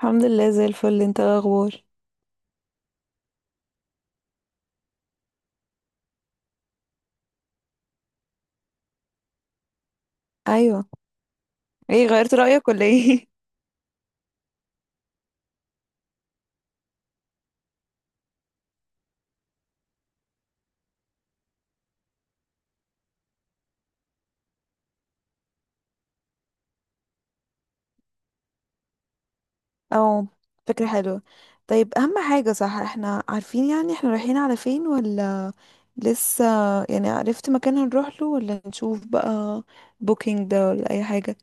الحمد لله زي الفل، انت ايه الاخبار؟ ايوه. ايه، غيرت رأيك ولا ايه؟ او، فكرة حلوة. طيب اهم حاجة، صح؟ احنا عارفين يعني احنا رايحين على فين ولا لسه؟ يعني عرفت مكان هنروح له ولا نشوف بقى بوكينج ده ولا اي حاجة؟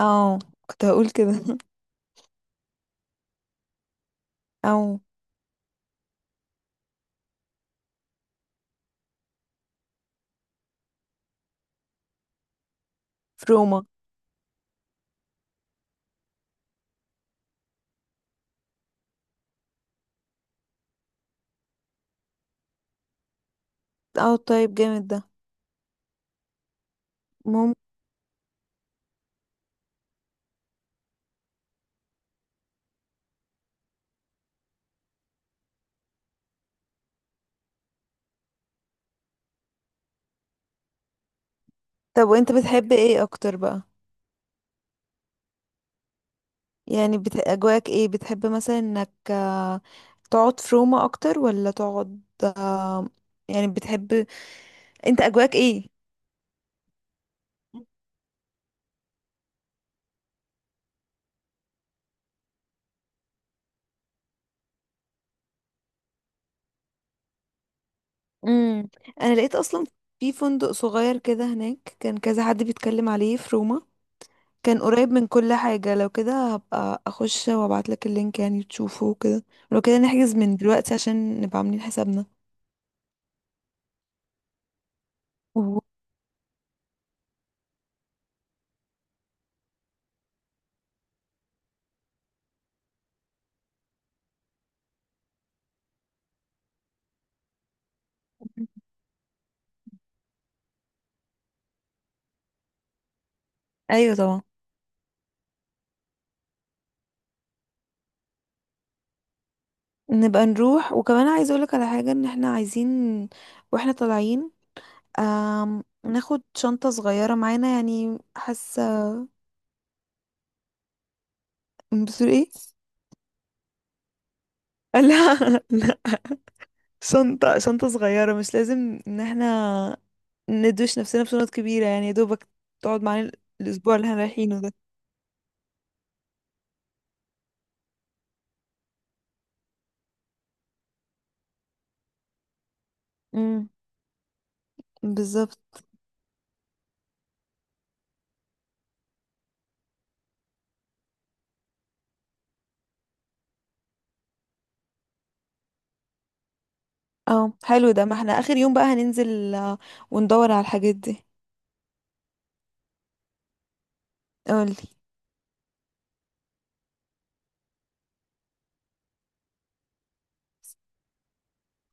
او، كنت هقول كده. او، في روما. او، طيب جامد ده. مهم. طب وانت بتحب ايه اكتر بقى؟ يعني اجواك ايه؟ بتحب مثلا انك تقعد في روما اكتر ولا تقعد؟ آه، يعني بتحب، انت اجواك ايه؟ امم. انا لقيت اصلا في فندق صغير كده هناك، كان كذا حد بيتكلم عليه في روما. كان قريب من كل حاجة، لو كده هبقى اخش وابعت لك اللينك يعني تشوفه وكده. لو كده نحجز من دلوقتي عشان نبقى عاملين حسابنا. و- ايوه طبعا. نبقى نروح، وكمان عايزه اقولك على حاجة، ان احنا عايزين، واحنا طالعين، ناخد شنطة صغيرة معانا يعني، حاسة. بتقول ايه؟ لا، لا. شنطة صغيرة، مش لازم ان احنا ندوش نفسنا بشنط كبيرة، يعني يا دوبك تقعد معانا الأسبوع اللي احنا رايحينه ده. امم. بالظبط. اه حلو ده، ما احنا آخر يوم بقى هننزل وندور على الحاجات دي. قولي.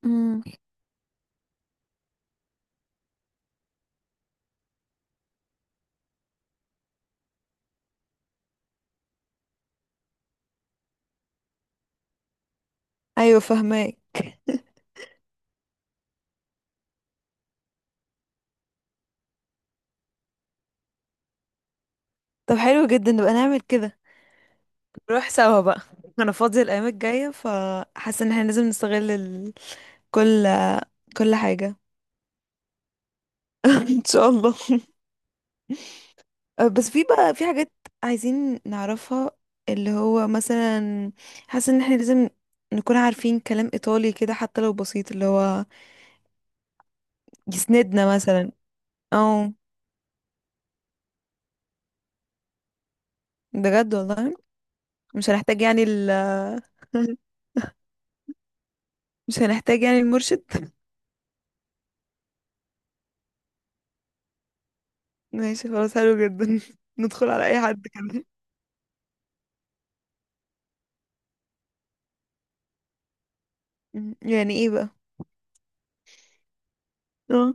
امم. ايوه فهماك. طب حلو جدا، نبقى نعمل كده. نروح سوا بقى. انا فاضية الايام الجاية، فحاسة ان احنا لازم نستغل كل كل حاجة. ان شاء الله. أه، بس في بقى في حاجات عايزين نعرفها، اللي هو مثلا، حاسة ان احنا لازم نكون عارفين كلام ايطالي كده حتى لو بسيط، اللي هو يسندنا مثلا. او، بجد والله. مش هنحتاج يعني ال... مش هنحتاج يعني المرشد. ماشي خلاص، حلو جدا. ندخل على اي حد كده. يعني ايه بقى؟ اه.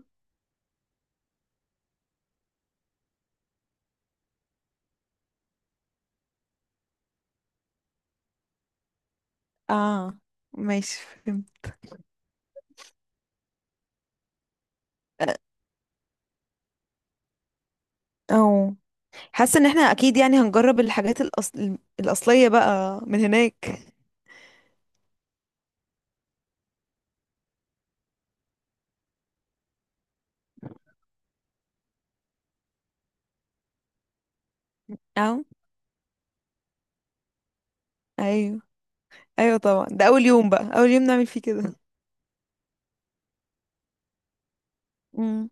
اه. ماشي، فهمت. أه. او. حاسه ان احنا اكيد يعني هنجرب الحاجات الاصليه بقى من هناك. اه. ايوه. ايوه طبعا، ده اول يوم بقى، اول يوم نعمل فيه كده. مم.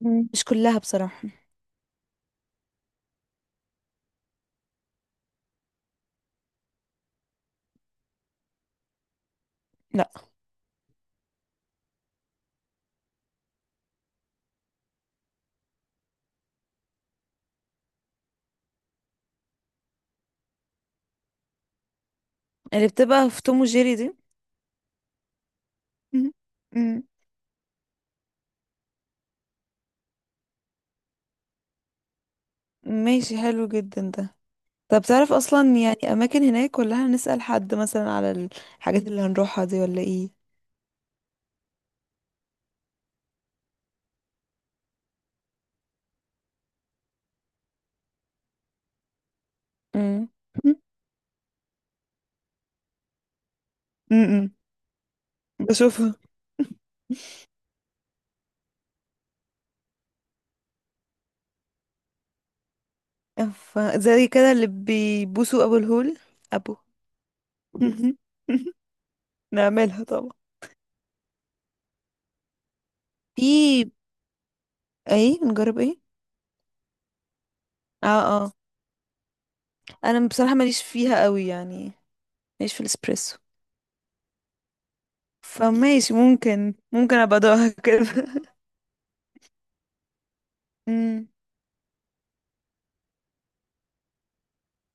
مم. مش كلها بصراحة. لا. اللي بتبقى في توم وجيري دي. مم. مم. ماشي حلو جدا ده. طب تعرف اصلا يعني اماكن هناك، ولا هنسأل حد مثلا على الحاجات اللي هنروحها دي ولا ايه؟ مم. امم. بشوفها. ف- زي كده اللي بيبوسوا ابو الهول. ابو نعملها طبعا. في ايه؟ نجرب ايه؟ اه. اه. انا بصراحة ماليش فيها قوي يعني، ماليش في الاسبريسو. فماشي، ممكن ابقى ادوقها كده. امم.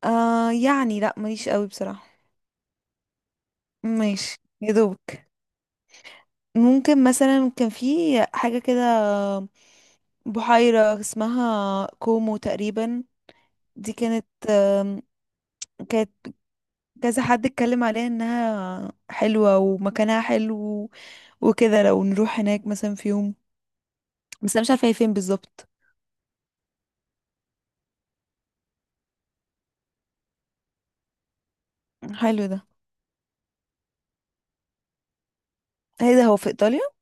آه، يعني لا ماليش قوي بصراحة. ماشي يا دوبك. ممكن مثلا كان في حاجة كده، بحيرة اسمها كومو تقريبا. دي كانت، كانت كذا حد اتكلم عليها انها حلوة ومكانها حلو وكده. لو نروح هناك مثلا في يوم، بس انا مش عارفه هي فين بالظبط. حلو ده. هي ده هو في ايطاليا؟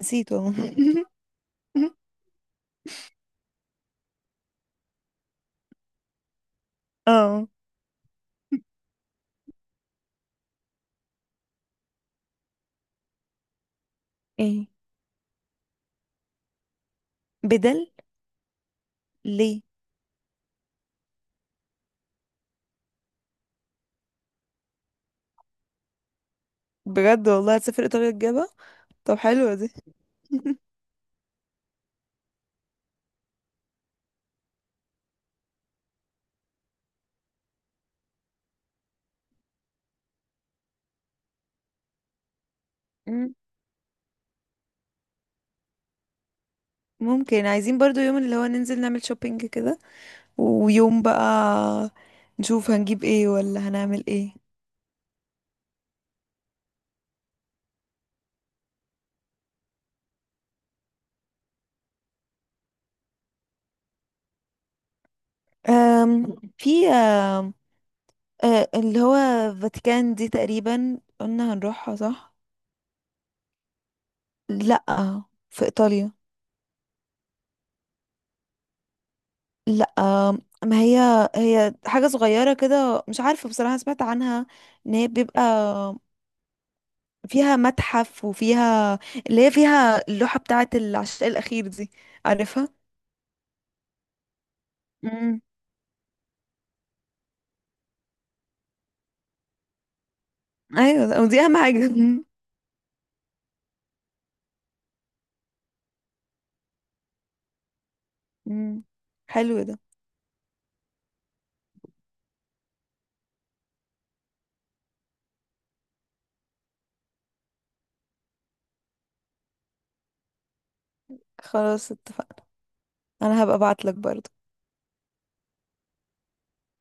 نسيته اهو. اه، ايه بدل؟ ليه؟ بجد والله هتسافر ايطاليا تجيبها؟ طب حلوه دي. مم. ممكن، عايزين برضو يوم اللي هو ننزل نعمل شوبينج كده، ويوم بقى نشوف هنجيب ايه ولا هنعمل ايه. أم في أم أه، اللي هو فاتيكان دي، تقريبا قلنا هنروحها صح؟ لا، في ايطاليا. لا، ما هي هي حاجة صغيرة كده مش عارفة بصراحة، سمعت عنها ان هي بيبقى فيها متحف، وفيها اللي هي فيها اللوحة بتاعة العشاء الأخير دي. عارفها؟ امم. ايوه دي اهم حاجة. مم. مم. حلو ده. خلاص اتفقنا. انا هبقى ابعتلك برضه.